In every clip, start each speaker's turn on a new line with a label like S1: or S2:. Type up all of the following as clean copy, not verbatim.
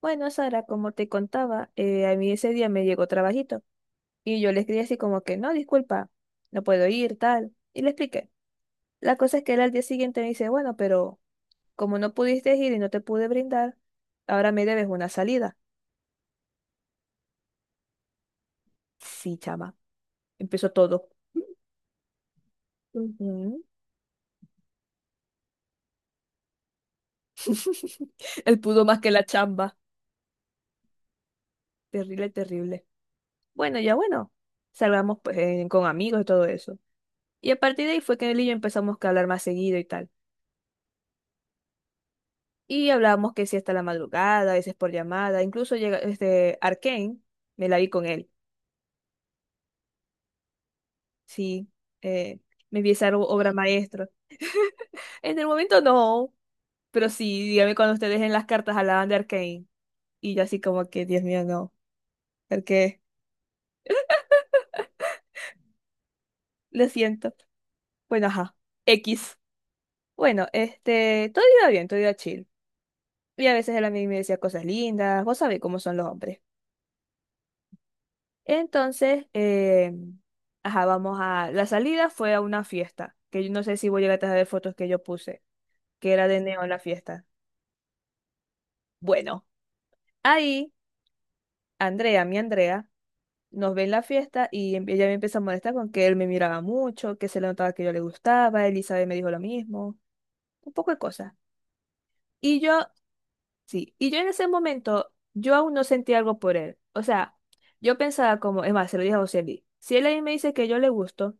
S1: Bueno, Sara, como te contaba, a mí ese día me llegó trabajito y yo le escribí así como que, no, disculpa, no puedo ir, tal, y le expliqué. La cosa es que él al día siguiente me dice, bueno, pero como no pudiste ir y no te pude brindar, ahora me debes una salida. Sí, chama, empezó todo. Ujú. Él pudo más que la chamba. Terrible, terrible. Bueno, ya bueno, salgamos pues, con amigos y todo eso. Y a partir de ahí fue que él y yo empezamos que a hablar más seguido y tal. Y hablábamos que sí hasta la madrugada, a veces por llamada, incluso llega este Arcane, me la vi con él, sí, eh, me vi esa obra maestra. En el momento no, pero sí, dígame cuando ustedes en las cartas hablaban de Arcane, y yo así como que, Dios mío, no, porque lo siento. Bueno, ajá, X. Bueno, este, todo iba bien, todo iba chill. Y a veces él a mí me decía cosas lindas, vos sabés cómo son los hombres. Entonces, ajá, La salida fue a una fiesta, que yo no sé si voy a llegar a ver fotos que yo puse, que era de neón la fiesta. Bueno, ahí Andrea, mi Andrea, nos ve en la fiesta y ella me empieza a molestar con que él me miraba mucho, que se le notaba que yo le gustaba, Elizabeth me dijo lo mismo, un poco de cosas. Y yo, sí, y yo en ese momento, yo aún no sentí algo por él. O sea, yo pensaba como, es más, se lo dije a José Luis, si él ahí me dice que yo le gusto,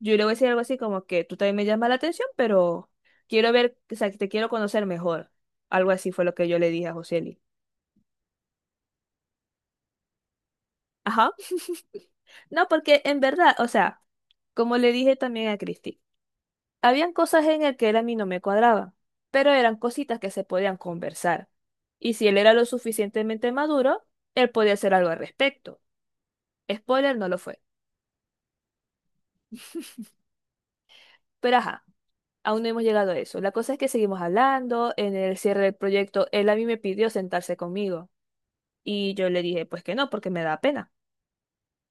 S1: yo le voy a decir algo así como que tú también me llamas la atención, pero quiero ver, o sea, que te quiero conocer mejor. Algo así fue lo que yo le dije a Joseli. Ajá. No, porque en verdad, o sea, como le dije también a Cristi, habían cosas en el que él a mí no me cuadraba, pero eran cositas que se podían conversar. Y si él era lo suficientemente maduro, él podía hacer algo al respecto. Spoiler, no lo fue. Pero ajá, aún no hemos llegado a eso. La cosa es que seguimos hablando, en el cierre del proyecto, él a mí me pidió sentarse conmigo. Y yo le dije, pues que no, porque me da pena.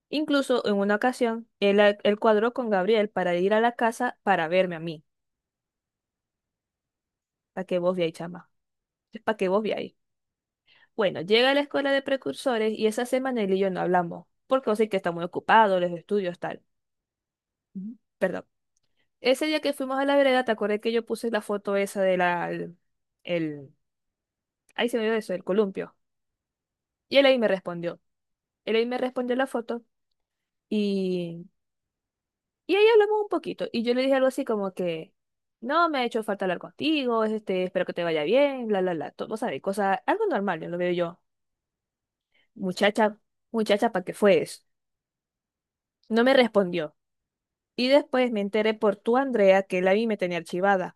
S1: Incluso en una ocasión, él, él cuadró con Gabriel para ir a la casa para verme a mí. Para que vos veáis, chama. Es para que vos veáis. Bueno, llega a la escuela de precursores y esa semana él y yo no hablamos, porque vos sé que está muy ocupado, los estudios, tal. Ujú. Perdón. Ese día que fuimos a la vereda, te acordé que yo puse la foto esa de la, el- ahí se me dio eso, el columpio. Y él ahí me respondió. Él ahí me respondió la foto y Y ahí hablamos un poquito. Y yo le dije algo así como que, no, me ha hecho falta hablar contigo, este, espero que te vaya bien, bla, bla, bla. Todo, sabés, cosa, algo normal, yo lo veo yo. Muchacha, muchacha, ¿para qué fue eso? No me respondió. Y después me enteré por tu Andrea, que la vi me tenía archivada.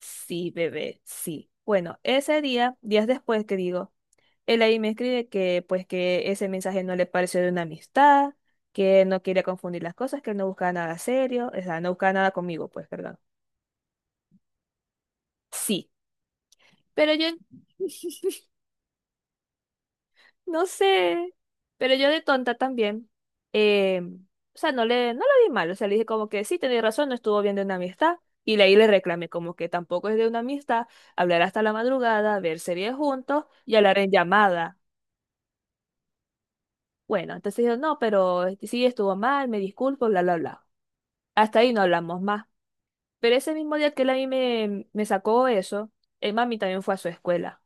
S1: Sí, bebé, sí. Bueno, ese día, días después que digo, él ahí me escribe que, pues, que ese mensaje no le pareció de una amistad, que no quería confundir las cosas, que él no buscaba nada serio, o sea, no buscaba nada conmigo, pues, perdón. Sí. Pero yo no sé, pero yo de tonta también. eh, o sea, no lo vi mal, o sea, le dije como que sí, tenía razón, no estuvo bien de una amistad. Y de ahí le reclamé como que tampoco es de una amistad hablar hasta la madrugada, ver series juntos y hablar en llamada. Bueno, entonces yo no, pero este, sí estuvo mal, me disculpo, bla, bla, bla. Hasta ahí no hablamos más. Pero ese mismo día que él a mí me, me sacó eso, el mami también fue a su escuela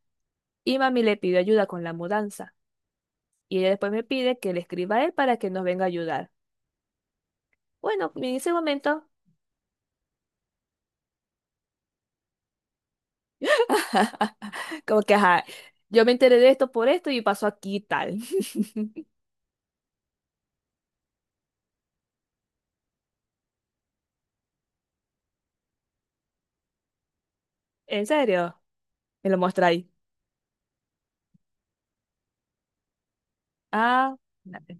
S1: y mami le pidió ayuda con la mudanza. Y ella después me pide que le escriba a él para que nos venga a ayudar. Bueno, en ese momento, como que, ajá, yo me enteré de esto por esto y pasó aquí y tal. ¿En serio? Me lo mostráis. Ah, espérate.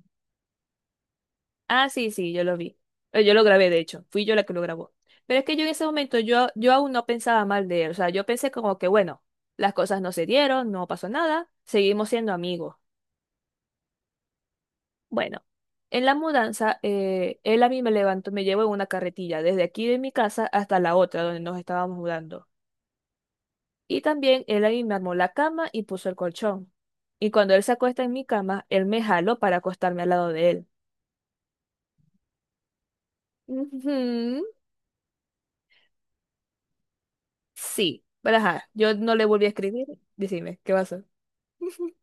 S1: Ah, sí, sí, yo lo vi. Yo lo grabé, de hecho. Fui yo la que lo grabó. Pero es que yo en ese momento, yo aún no pensaba mal de él. O sea, yo pensé como que, bueno, las cosas no se dieron, no pasó nada, seguimos siendo amigos. Bueno, en la mudanza, él a mí me levantó, me llevó en una carretilla desde aquí de mi casa hasta la otra donde nos estábamos mudando. Y también él a mí me armó la cama y puso el colchón. Y cuando él se acuesta en mi cama, él me jaló para acostarme al lado de él. Ujú. Sí, pero ajá, yo no le volví a escribir. Decime, ¿qué pasó?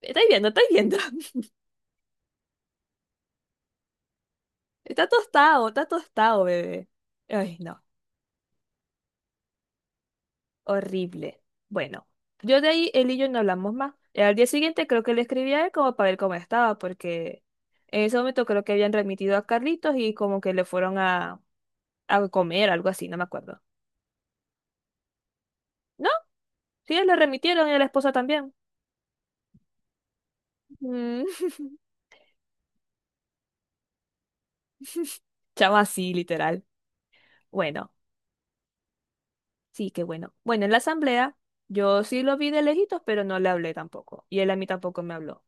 S1: Estáis viendo, estáis viendo. Está tostado, bebé. Ay, no. Horrible. Bueno, yo de ahí él y yo no hablamos más. Y al día siguiente creo que le escribí a él como para ver cómo estaba, porque en ese momento creo que habían remitido a Carlitos y como que le fueron a comer, algo así, no me acuerdo. No, sí, le remitieron y a la esposa también. Mm. Chama así, literal. Bueno, sí, qué bueno. Bueno, en la asamblea yo sí lo vi de lejitos, pero no le hablé tampoco. Y él a mí tampoco me habló.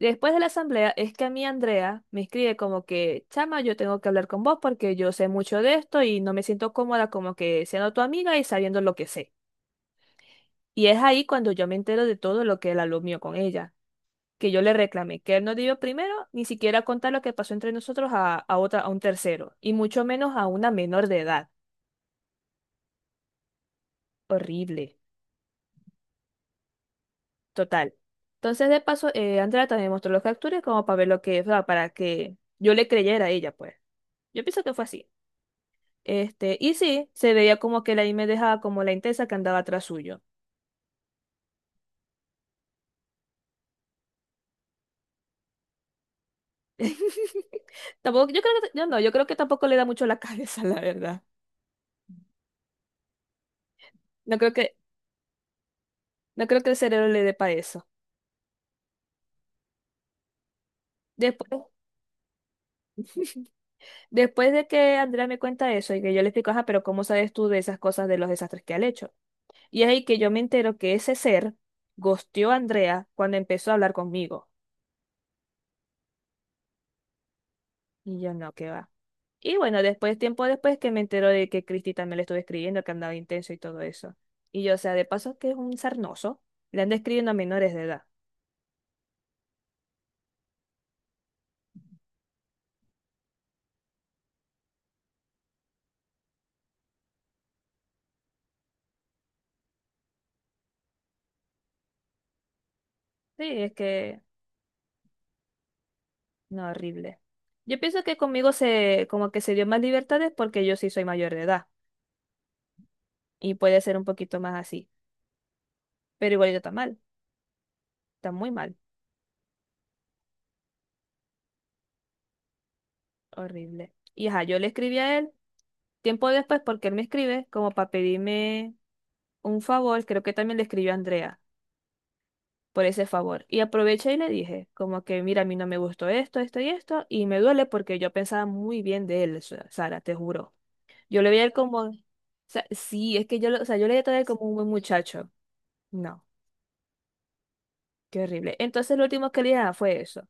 S1: Después de la asamblea es que a mí Andrea me escribe como que, chama, yo tengo que hablar con vos porque yo sé mucho de esto y no me siento cómoda como que siendo tu amiga y sabiendo lo que sé. Y es ahí cuando yo me entero de todo lo que él habló mío con ella, que yo le reclamé que él no debió primero ni siquiera contar lo que pasó entre nosotros a otra, a un tercero, y mucho menos a una menor de edad. Horrible. Total. Entonces, de paso, Andrea también mostró los capturas como para ver lo que, o sea, para que yo le creyera a ella, pues. Yo pienso que fue así. Este, y sí, se veía como que ahí me dejaba como la intensa que andaba atrás suyo. Tampoco, yo creo que, yo no, yo creo que tampoco le da mucho la cabeza, la verdad. No creo que, no creo que el cerebro le dé para eso. Después, después de que Andrea me cuenta eso y que yo le explico, ajá, pero ¿cómo sabes tú de esas cosas, de los desastres que ha hecho? Y es ahí que yo me entero que ese ser gosteó a Andrea cuando empezó a hablar conmigo. Y yo no, que va. Y bueno, después, tiempo después que me entero de que Cristi también le estuve escribiendo, que andaba intenso y todo eso. Y yo, o sea, de paso que es un sarnoso, le anda escribiendo a menores de edad. Sí, es que, no, horrible. Yo pienso que conmigo se, como que se dio más libertades porque yo sí soy mayor de edad y puede ser un poquito más así. Pero igual está mal, está muy mal, horrible. Y ajá, yo le escribí a él tiempo después porque él me escribe como para pedirme un favor, creo que también le escribió a Andrea por ese favor. Y aproveché y le dije, como que, mira, a mí no me gustó esto, esto y esto, y me duele porque yo pensaba muy bien de él, Sara, te juro. Yo le veía a él como, o sea, sí, es que yo, o sea, yo le veía a él como un buen muchacho. No, qué horrible. Entonces lo último que le dije fue eso,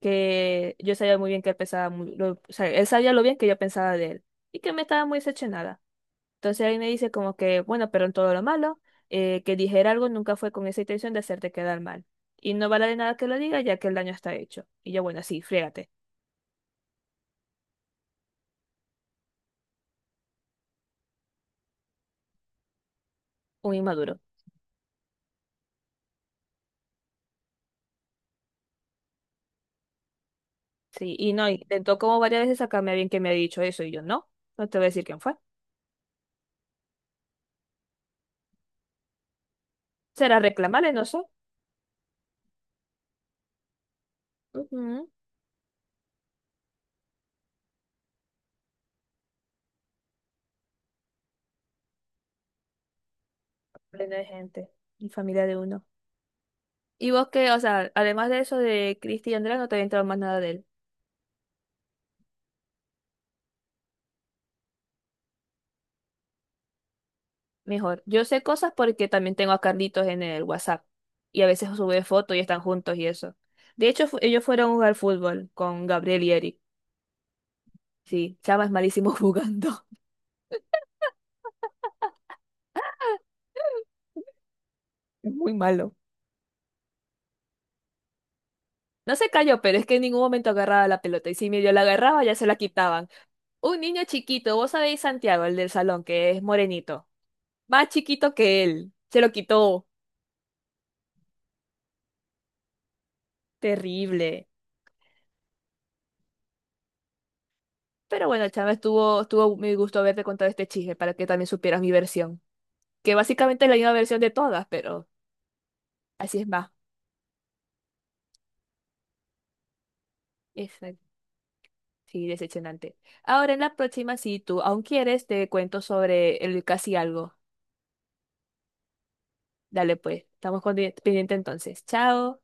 S1: que yo sabía muy bien que él pensaba muy, o sea, él sabía lo bien que yo pensaba de él y que me estaba muy decepcionada. Entonces ahí me dice como que, bueno, pero en todo lo malo, que dijera algo nunca fue con esa intención de hacerte quedar mal. Y no vale de nada que lo diga, ya que el daño está hecho. Y yo, bueno, sí, friégate, un inmaduro. Sí, y no, intentó como varias veces sacarme a bien que me ha dicho eso, y yo, no, no te voy a decir quién fue. Será reclamarle, no sé. Ujú. Pleno de gente, y familia de uno. Y vos qué o sea, además de eso de Cristi y Andrea, no te había entrado más nada de él. Mejor. Yo sé cosas porque también tengo a Carlitos en el WhatsApp. Y a veces sube fotos y están juntos y eso. De hecho, ellos fueron a jugar fútbol con Gabriel y Eric. Sí, Chava es malísimo jugando. Es muy malo. No se cayó, pero es que en ningún momento agarraba la pelota. Y si medio la agarraba, ya se la quitaban. Un niño chiquito, vos sabéis Santiago, el del salón, que es morenito. Más chiquito que él. Se lo quitó. Terrible. Pero bueno, Chava, estuvo, estuvo muy gusto haberte contado este chisme para que también supieras mi versión, que básicamente es la misma versión de todas, pero así es más. Exacto. Sí, decepcionante. Ahora en la próxima, si tú aún quieres, te cuento sobre el casi algo. Dale pues, estamos pendiente entonces. Chao.